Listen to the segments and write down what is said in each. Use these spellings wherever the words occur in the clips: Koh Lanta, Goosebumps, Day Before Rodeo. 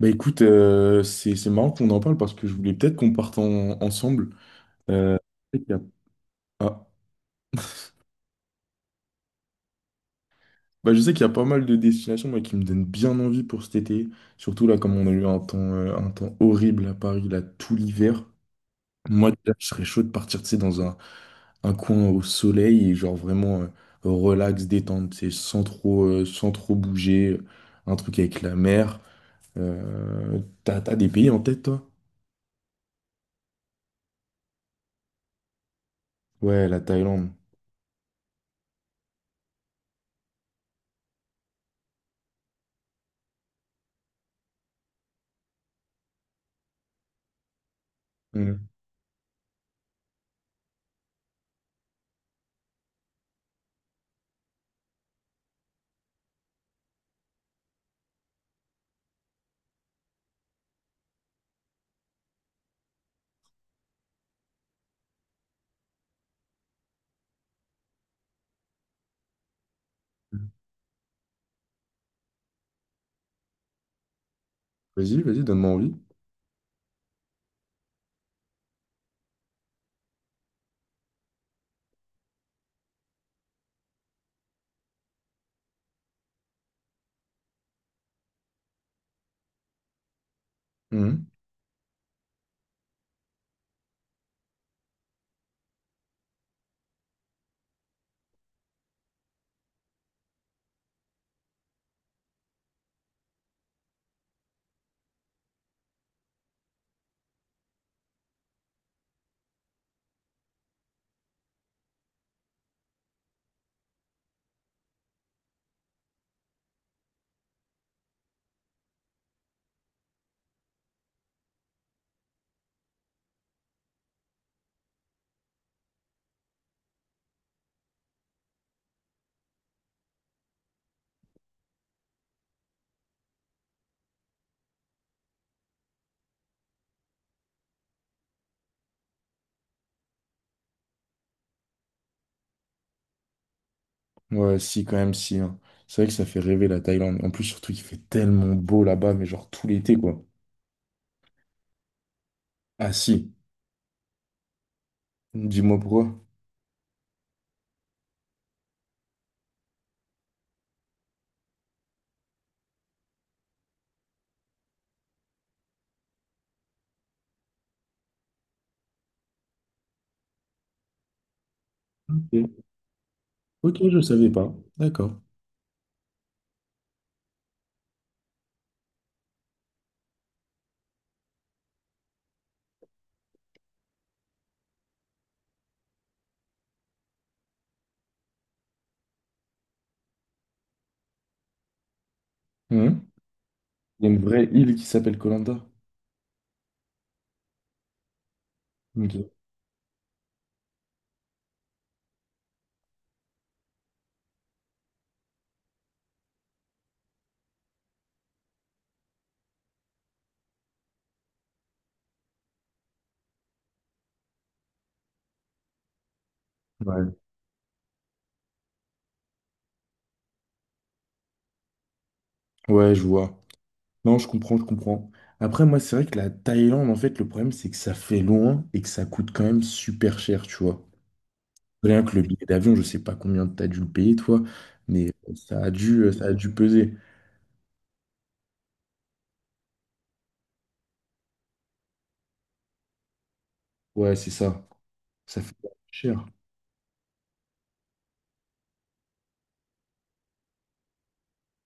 Bah écoute, c'est marrant qu'on en parle parce que je voulais peut-être qu'on parte ensemble. Euh, je sais qu'il y a- ah, bah je sais qu'il y a pas mal de destinations moi, qui me donnent bien envie pour cet été. Surtout là, comme on a eu un temps horrible à Paris, là, tout l'hiver. Moi, déjà, je serais chaud de partir, tu sais, un coin au soleil et genre vraiment relax, détente, tu sais, sans trop bouger. Un truc avec la mer. T'as des pays en tête, toi? Ouais, la Thaïlande. Mm. Vas-y, vas-y, donne-moi envie. Mhm. Ouais, si, quand même, si, hein. C'est vrai que ça fait rêver la Thaïlande. En plus, surtout, il fait tellement beau là-bas, mais genre tout l'été, quoi. Ah, si. Dis-moi pourquoi. Ok. Ok, je savais pas. D'accord. Mhm. Il y a une vraie île qui s'appelle Koh Lanta. Ok. Ouais. Ouais, je vois. Non, je comprends, je comprends. Après, moi, c'est vrai que la Thaïlande, en fait, le problème, c'est que ça fait loin et que ça coûte quand même super cher, tu vois. Rien que le billet d'avion, je sais pas combien t'as dû le payer, toi, mais ça a dû peser. Ouais, c'est ça. Ça fait cher.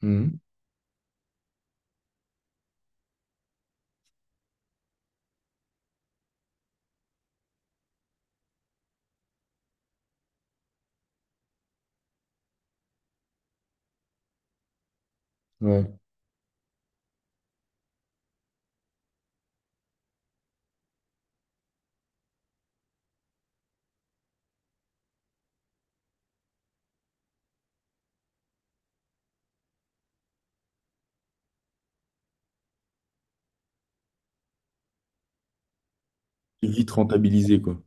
Mhm. Ouais. Et vite rentabilisé, quoi.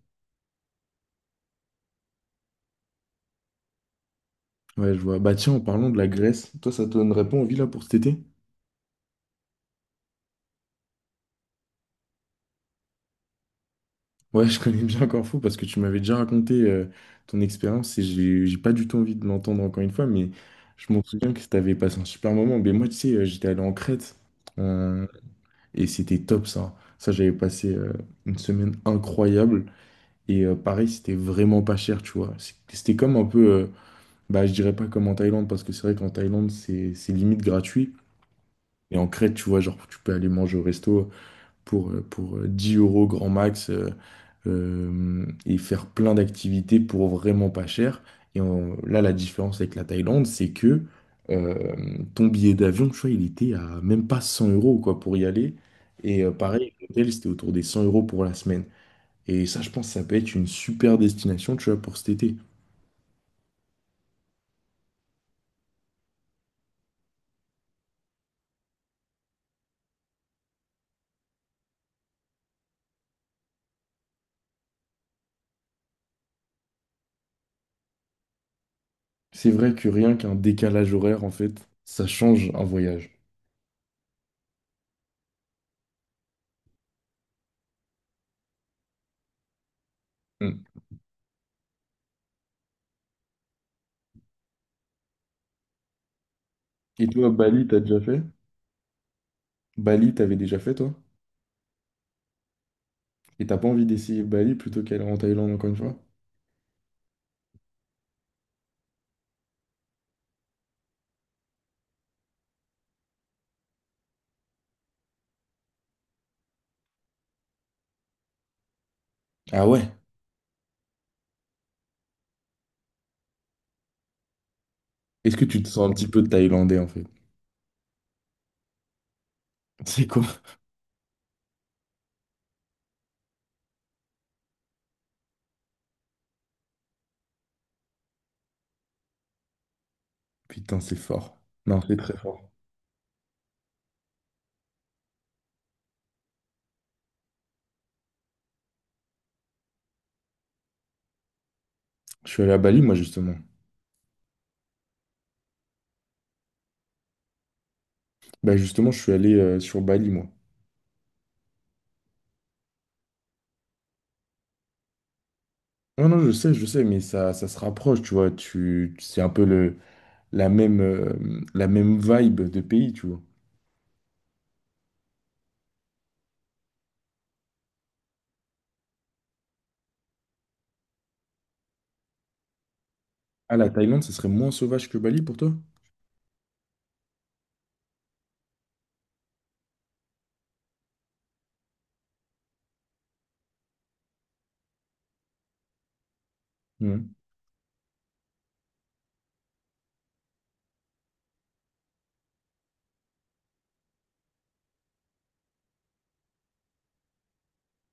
Ouais, je vois. Bah tiens, en parlant de la Grèce, toi, ça te donnerait pas envie là pour cet été? Ouais, je connais bien Corfou parce que tu m'avais déjà raconté ton expérience et j'ai pas du tout envie de l'entendre encore une fois, mais je m'en souviens que t'avais passé un super moment. Mais moi, tu sais, j'étais allé en Crète euh, et c'était top ça. Ça, j'avais passé une semaine incroyable et pareil, c'était vraiment pas cher, tu vois. C'était comme un peu. Bah, je dirais pas comme en Thaïlande, parce que c'est vrai qu'en Thaïlande, c'est limite gratuit. Et en Crète, tu vois, genre, tu peux aller manger au resto pour 10 euros grand max, et faire plein d'activités pour vraiment pas cher. Là, la différence avec la Thaïlande, c'est que euh, ton billet d'avion, tu vois, il était à même pas 100 euros, quoi, pour y aller. Et pareil, l'hôtel, c'était autour des 100 euros pour la semaine. Et ça, je pense, ça peut être une super destination, tu vois, pour cet été. C'est vrai que rien qu'un décalage horaire, en fait, ça change un voyage. Mm. Et toi, Bali, t'as déjà fait? Bali, t'avais déjà fait, toi? Et t'as pas envie d'essayer Bali plutôt qu'aller en Thaïlande encore une fois? Ah ouais? Est-ce que tu te sens un petit peu thaïlandais, en fait? C'est quoi? Putain, c'est fort. Non, c'est très fort. Je suis allé à Bali, moi, justement. Bah, justement, je suis allé sur Bali, moi. Non, non, je sais, mais ça se rapproche, tu vois. C'est un peu la même, euh, la même vibe de pays, tu vois. Ah, la Thaïlande, ça serait moins sauvage que Bali pour toi? Mhm.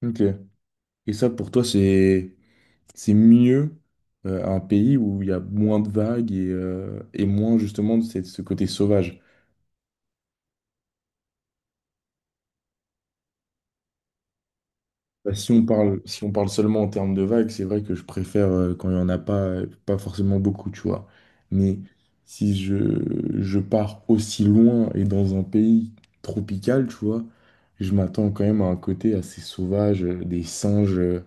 Ok. Et ça, pour toi, c'est mieux un pays où il y a moins de vagues et moins justement de ce côté sauvage. Bah, si on parle seulement en termes de vagues, c'est vrai que je préfère quand il n'y en a pas, pas forcément beaucoup, tu vois. Mais si je, je pars aussi loin et dans un pays tropical, tu vois, je m'attends quand même à un côté assez sauvage, des singes,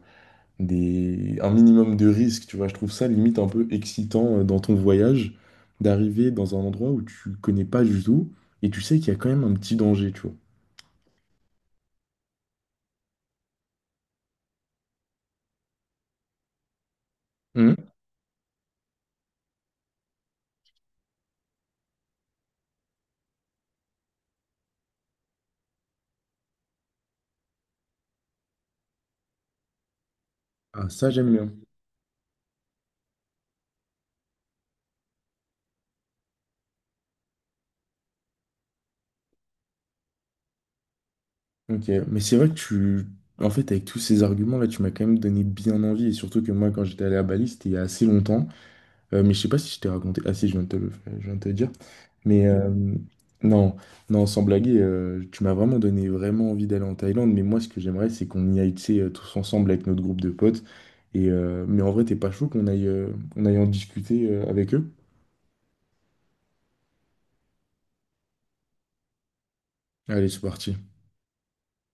des... un minimum de risque, tu vois. Je trouve ça limite un peu excitant dans ton voyage d'arriver dans un endroit où tu connais pas du tout et tu sais qu'il y a quand même un petit danger, tu vois. Mhm. Ah, ça, j'aime bien. Ok, mais c'est vrai que tu... En fait, avec tous ces arguments-là, tu m'as quand même donné bien envie. Et surtout que moi, quand j'étais allé à Bali, c'était il y a assez longtemps. Mais je sais pas si je t'ai raconté. Ah si, je viens de te le dire. Mais non, non, sans blaguer, tu m'as vraiment donné vraiment envie d'aller en Thaïlande. Mais moi, ce que j'aimerais, c'est qu'on y aille, tu sais, tous ensemble avec notre groupe de potes. Et, mais en vrai, t'es pas chaud qu'on aille en discuter avec eux? Allez, c'est parti.